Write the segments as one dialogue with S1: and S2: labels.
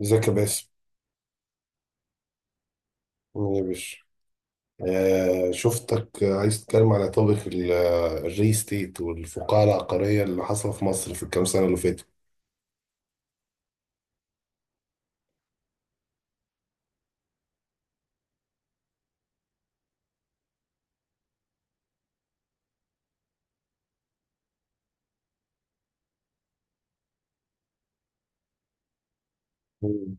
S1: ازيك يا باسم. عامل ايه يا باشا؟ شفتك. عايز تتكلم على توبيك الري ستيت والفقاعة العقارية اللي حصل في مصر في الكام سنة اللي فاتوا. مم.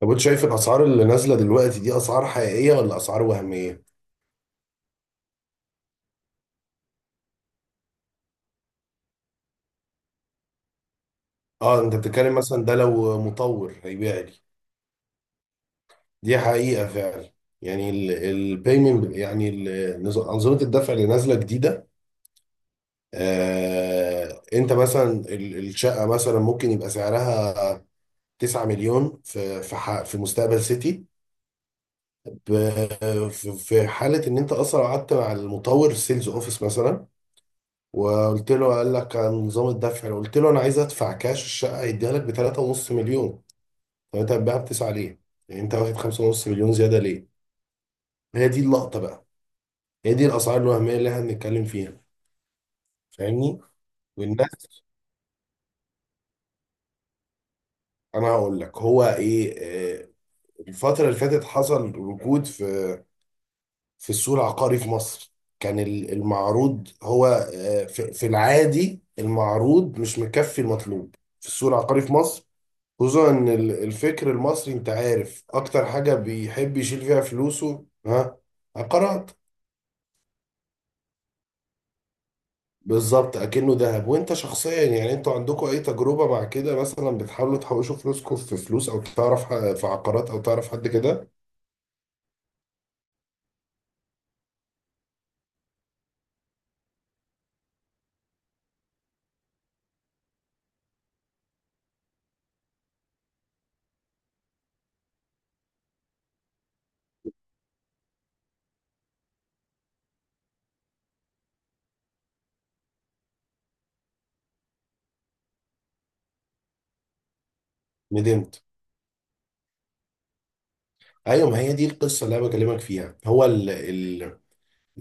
S1: طب انت شايف الاسعار اللي نازلة دلوقتي دي اسعار حقيقية ولا اسعار وهمية؟ اه، انت بتتكلم مثلا ده لو مطور هيبيع لي. دي حقيقة فعلا. يعني البيمنت، يعني أنظمة الدفع اللي نازلة جديدة. انت مثلا الشقة مثلا ممكن يبقى سعرها 9 مليون في في مستقبل سيتي، في حاله ان انت اصلا قعدت مع المطور السيلز اوفيس مثلا، وقلت له، قال لك عن نظام الدفع، قلت له انا عايز ادفع كاش، الشقه هيديها لك ب 3.5 مليون. طب انت هتبيعها ب 9 ليه؟ يعني انت واخد 5.5 مليون زياده ليه؟ هي دي اللقطه بقى، هي دي الاسعار الوهميه اللي احنا بنتكلم فيها. فاهمني؟ والناس، انا هقول لك هو ايه. آه، الفتره اللي فاتت حصل ركود في السوق العقاري في مصر. كان المعروض هو، في العادي المعروض مش مكفي المطلوب في السوق العقاري في مصر، خصوصا ان الفكر المصري، انت عارف اكتر حاجة بيحب يشيل فيها فلوسه، ها؟ عقارات. بالظبط، اكنه ذهب. وانت شخصيا يعني، انتوا عندكم اي تجربة مع كده مثلا؟ بتحاولوا تحوشوا فلوسكم في فلوس او تعرف في عقارات او تعرف حد كده؟ ندمت؟ ايوه، ما هي دي القصة اللي انا بكلمك فيها. هو ال،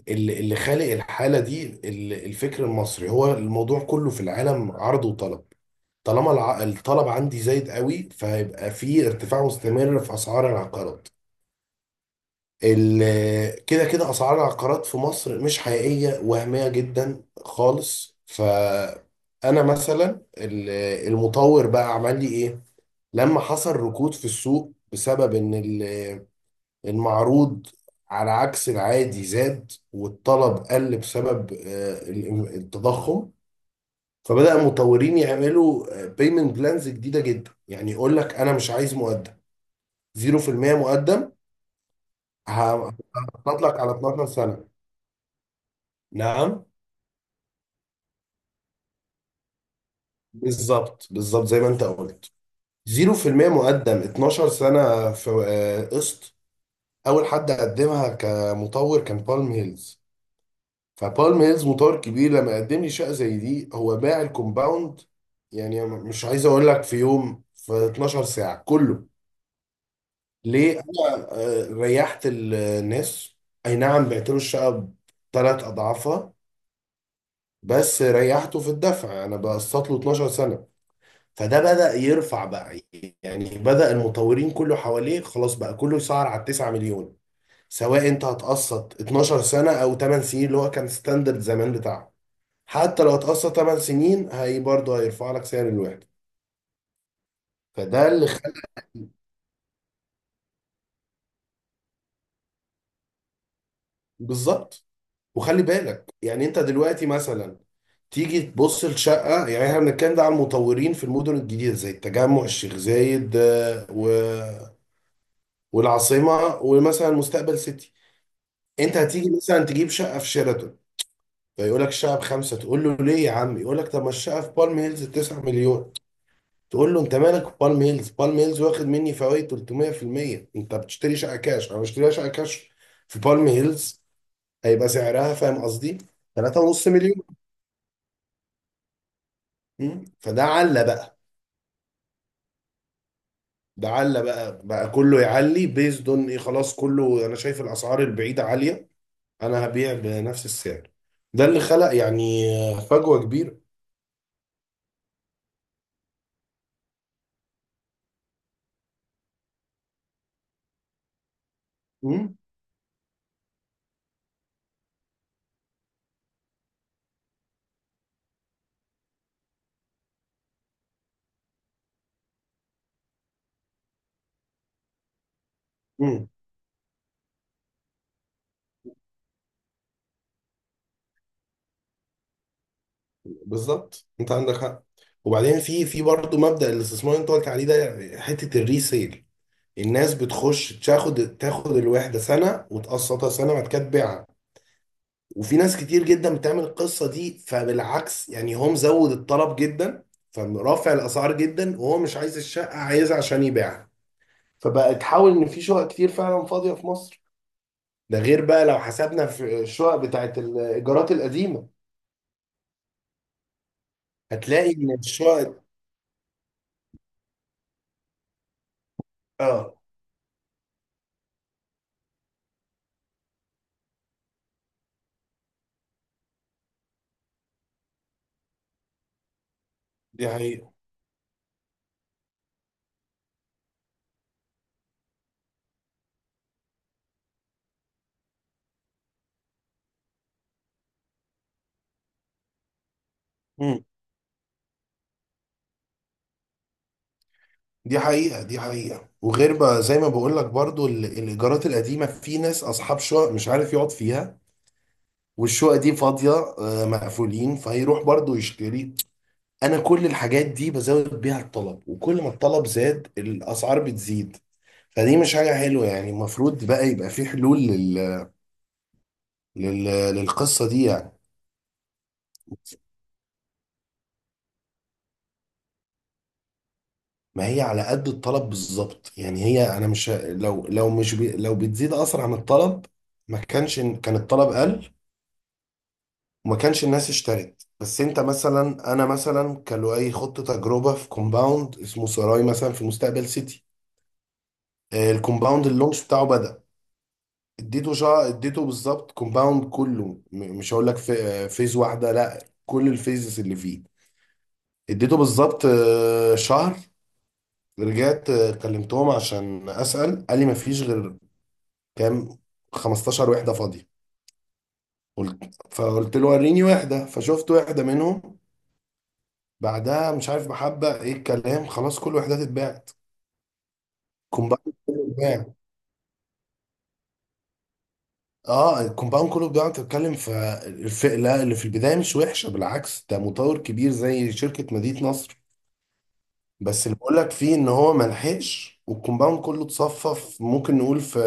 S1: اللي خالق الحالة دي الفكر المصري، هو الموضوع كله في العالم عرض وطلب. طالما الطلب عندي زايد قوي، فهيبقى في ارتفاع مستمر في أسعار العقارات. كده كده أسعار العقارات في مصر مش حقيقية، وهمية جدا خالص. فأنا مثلا المطور بقى عمل لي إيه؟ لما حصل ركود في السوق بسبب إن المعروض، على عكس العادي، زاد والطلب قل بسبب التضخم. فبدأ المطورين يعملوا بيمنت بلانز جديدة جدا، يعني يقول لك أنا مش عايز مقدم. 0% مقدم، ه- هحط لك على 12 سنة. نعم. بالظبط زي ما أنت قلت. 0% مقدم، 12 سنة في قسط. أول حد قدمها كمطور كان بالم هيلز. فبالم هيلز مطور كبير، لما قدم لي شقه زي دي هو باع الكومباوند. يعني مش عايز اقول لك في يوم، في 12 ساعه كله. ليه؟ انا ريحت الناس. اي نعم، بعت له الشقه بثلاث اضعافها، بس ريحته في الدفع، انا بقسط له 12 سنه. فده بدأ يرفع بقى. يعني بدأ المطورين كله حواليه، خلاص بقى كله يسعر على 9 مليون، سواء انت هتقسط 12 سنه او 8 سنين اللي هو كان ستاندرد زمان بتاعه. حتى لو هتقسط 8 سنين هي برضه هيرفع لك سعر الوحده. فده. بالظبط. وخلي بالك يعني، انت دلوقتي مثلا تيجي تبص لشقه، يعني احنا بنتكلم ده على المطورين في المدن الجديده زي التجمع، الشيخ زايد، والعاصمه ومثلا مستقبل سيتي. انت هتيجي مثلا تجيب شقه في شيراتون، فيقول لك الشقه بخمسه، تقول له ليه يا عم، يقول لك طب ما الشقه في بالم هيلز 9 مليون. تقول له انت مالك بالم هيلز؟ بالم هيلز واخد مني فوائد 300%. انت بتشتري شقه كاش، انا بشتري شقه كاش في بالم هيلز، هيبقى سعرها، فاهم قصدي، 3.5 مليون. مم. فده علّى بقى، ده علّى بقى، كله يعلي، بيزد اون ايه، خلاص كله، انا شايف الاسعار البعيده عاليه، انا هبيع بنفس السعر. ده اللي خلق يعني فجوه كبيره. مم. مم. بالظبط، انت عندك حق. وبعدين في برضه مبدأ الاستثمار اللي انت قلت عليه ده، حته الريسيل. الناس بتخش تاخد الوحده سنه وتقسطها سنه، بعد كده تبيعها. وفي ناس كتير جدا بتعمل القصه دي، فبالعكس يعني هو مزود الطلب جدا، فرافع الاسعار جدا، وهو مش عايز الشقه، عايزها عشان يبيعها. فبقى تحاول ان في شقق كتير فعلا فاضيه في مصر. ده غير بقى لو حسبنا في الشقق بتاعت الايجارات القديمه. هتلاقي ان الشقق، اه دي حقيقه، دي حقيقة. دي حقيقة، وغير بقى زي ما بقول لك برضو الإيجارات القديمة، في ناس أصحاب شقق مش عارف يقعد فيها، والشقق دي فاضية، مقفولين، فيروح برضو يشتري. أنا كل الحاجات دي بزود بيها الطلب، وكل ما الطلب زاد الأسعار بتزيد. فدي مش حاجة حلوة يعني، المفروض بقى يبقى في حلول لل... للقصة دي يعني. ما هي على قد الطلب بالظبط. يعني هي، أنا مش، لو لو مش بي... لو بتزيد أسرع من الطلب، ما كانش كان الطلب قل، وما كانش الناس اشترت. بس انت مثلا، انا مثلا كان له اي خطه تجربه في كومباوند اسمه سراي مثلا في مستقبل سيتي. الكومباوند اللونش بتاعه بدأ. اديته بالظبط، كومباوند كله، مش هقول لك في، فيز واحده، لا، كل الفيزز اللي فيه. اديته بالظبط شهر. رجعت كلمتهم عشان اسال، قال لي ما فيش غير كام، 15 وحده فاضيه. قلت له وريني وحده، فشفت وحده منهم. بعدها مش عارف محبة ايه الكلام، خلاص كل الوحدات اتباعت. كومباوند كله اتباع. اه، الكومباوند كله اتباع. انت بتتكلم في الفئة اللي في البداية، مش وحشة بالعكس، ده مطور كبير زي شركة مدينة نصر. بس اللي بقول لك فيه ان هو ملحقش، والكومباوند كله اتصفف. ممكن نقول في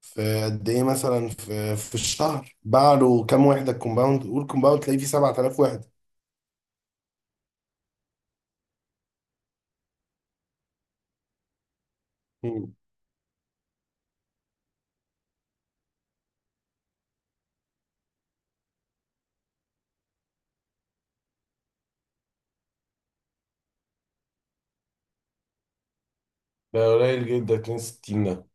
S1: في قد ايه مثلا، في الشهر باع له كام وحدة، الكومباوند، قول كومباوند تلاقيه فيه 7000 وحدة. مم. ده قليل جدا، 62 ده.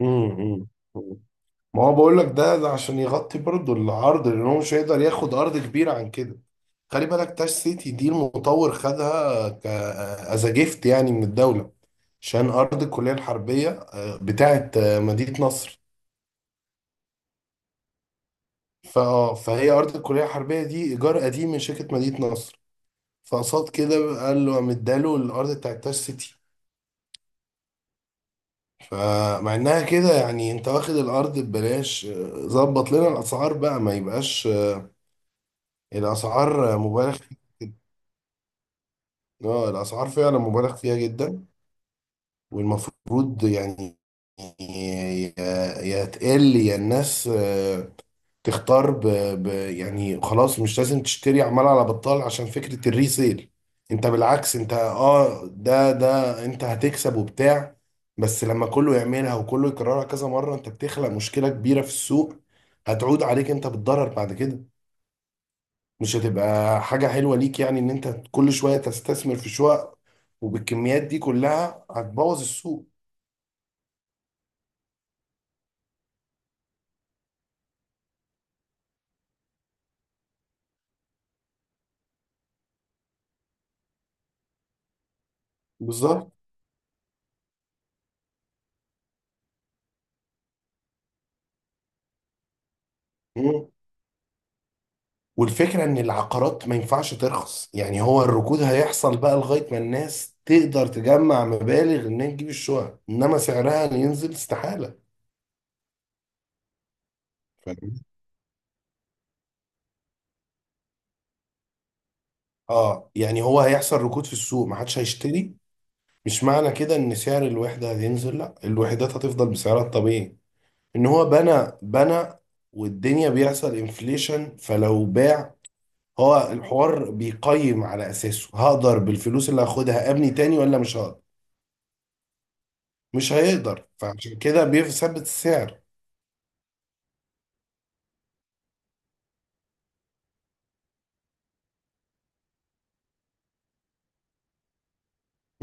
S1: امم ما هو بقول لك ده، عشان يغطي برضه العرض، لان هو مش هيقدر ياخد ارض كبيره عن كده. خلي بالك تاش سيتي دي المطور خدها ك، از جيفت يعني من الدوله، عشان ارض الكليه الحربيه بتاعه مدينه نصر. فهي ارض الكليه الحربيه دي ايجار قديم من شركه مدينه نصر. فقصاد كده قال له، قام اداله الارض بتاعه تاش سيتي. فمع انها كده يعني، انت واخد الارض ببلاش، ظبط لنا الاسعار بقى، ما يبقاش الاسعار مبالغ فيها. اه الاسعار فعلا مبالغ فيها جدا، والمفروض يعني يا تقل، يا الناس تختار يعني خلاص مش لازم تشتري عمال على بطال عشان فكرة الريسيل. انت بالعكس، انت اه، ده انت هتكسب وبتاع. بس لما كله يعملها وكله يكررها كذا مرة، انت بتخلق مشكلة كبيرة في السوق، هتعود عليك انت بالضرر بعد كده. مش هتبقى حاجة حلوة ليك يعني ان انت كل شوية تستثمر في شقق، وبالكميات دي كلها هتبوظ السوق. بالظبط. مم. والفكرة ان العقارات ما ينفعش ترخص يعني، هو الركود هيحصل بقى لغاية ما الناس تقدر تجمع مبالغ انها تجيب الشقق، انما سعرها ينزل استحالة. فاهم؟ اه، يعني هو هيحصل ركود في السوق، ما حدش هيشتري. مش معنى كده ان سعر الوحدة هينزل، لا، الوحدات هتفضل بسعرها الطبيعي. ان هو بنى بنى، والدنيا بيحصل انفليشن، فلو باع، هو الحوار بيقيم على اساسه، هقدر بالفلوس اللي هاخدها ابني تاني ولا مش هقدر. مش هيقدر، فعشان كده بيثبت السعر.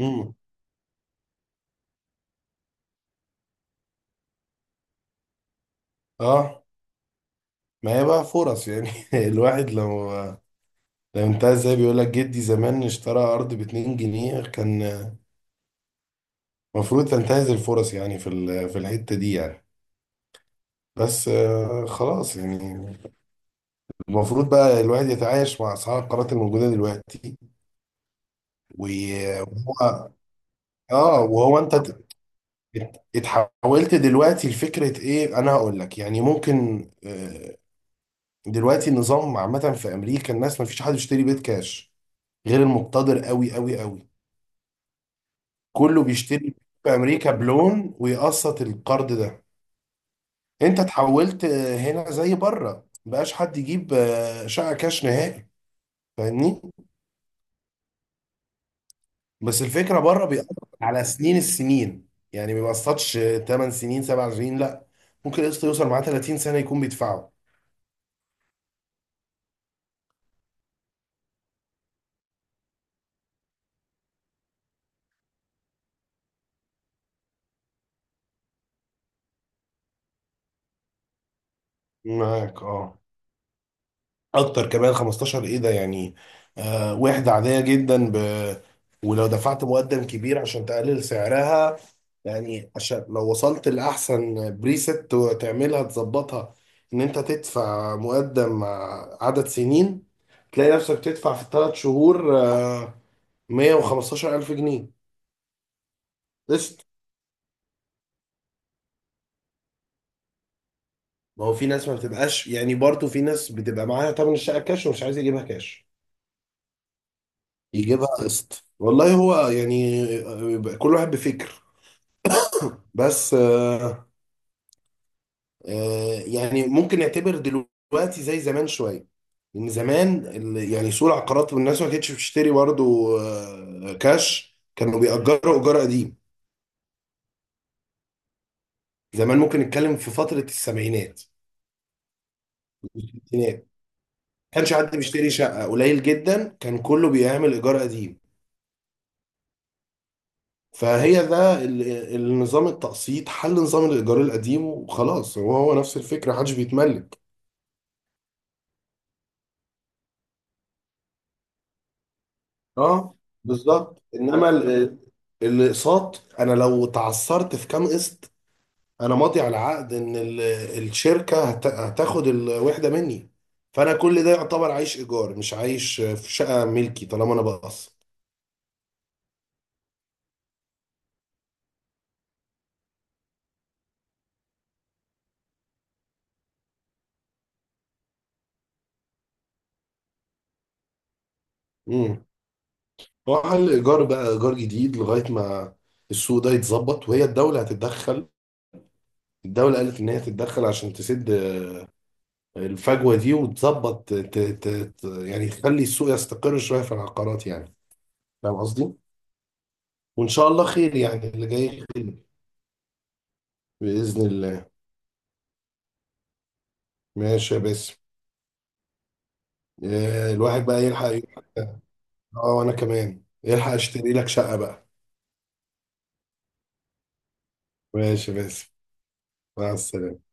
S1: امم. اه، ما هي بقى فرص يعني الواحد لو، لو انتهى، زي بيقول لك جدي زمان اشترى ارض ب 2 جنيه كان. المفروض تنتهز الفرص يعني في في الحتة دي يعني. بس خلاص يعني، المفروض بقى الواحد يتعايش مع اسعار القرارات الموجودة دلوقتي. وهو، اه وهو انت اتحولت دلوقتي لفكره ايه، انا هقول لك يعني ممكن، دلوقتي النظام عامه في امريكا الناس ما فيش حد بيشتري بيت كاش غير المقتدر قوي قوي قوي. كله بيشتري في امريكا بلون، ويقسط القرض ده. انت اتحولت هنا زي بره، مبقاش حد يجيب شقه كاش نهائي، فاهمني. بس الفكره بره بيقسط على سنين السنين يعني، ما بيقسطش 8 سنين، 7 سنين، لا، ممكن القسط يوصل معاه 30 سنه يكون بيدفعه. معاك اه، اكتر كمان، 15 ايه ده يعني، وحده عاديه جدا ب، ولو دفعت مقدم كبير عشان تقلل سعرها، يعني عشان لو وصلت لاحسن بريست تعملها تظبطها، ان انت تدفع مقدم مع عدد سنين، تلاقي نفسك تدفع في الثلاث شهور 115 ألف جنيه قسط. ما هو في ناس ما بتبقاش، يعني برضه في ناس بتبقى معاها تمن الشقه كاش ومش عايز يجيبها كاش، يجيبها قسط. والله هو يعني كل واحد بفكر. بس يعني ممكن نعتبر دلوقتي زي زمان شويه. لان زمان يعني سوق العقارات والناس ما كانتش بتشتري برضه كاش، كانوا بيأجروا ايجار قديم. زمان ممكن نتكلم في فتره السبعينات والستينات، ما كانش حد بيشتري شقه، قليل جدا، كان كله بيعمل ايجار قديم. فهي ده النظام التقسيط حل نظام الإيجار القديم، وخلاص هو هو نفس الفكرة، محدش بيتملك. اه بالظبط، انما الاقساط، انا لو تعثرت في كام قسط، انا ماضي على عقد ان الشركة هتاخد الوحدة مني. فانا كل ده يعتبر عايش ايجار، مش عايش في شقة ملكي طالما انا بقسط. امم. هو حل ايجار بقى، ايجار جديد لغاية ما السوق ده يتظبط، وهي الدولة هتتدخل. الدولة قالت ان هي هتتدخل عشان تسد الفجوه دي وتظبط يعني تخلي السوق يستقر شويه في العقارات يعني. فاهم قصدي؟ وان شاء الله خير، يعني اللي جاي خير، باذن الله. ماشي يا باسم. الواحد بقى يلحق. اه، وانا كمان يلحق اشتري لك شقه بقى. ماشي يا باسم. مع السلامه.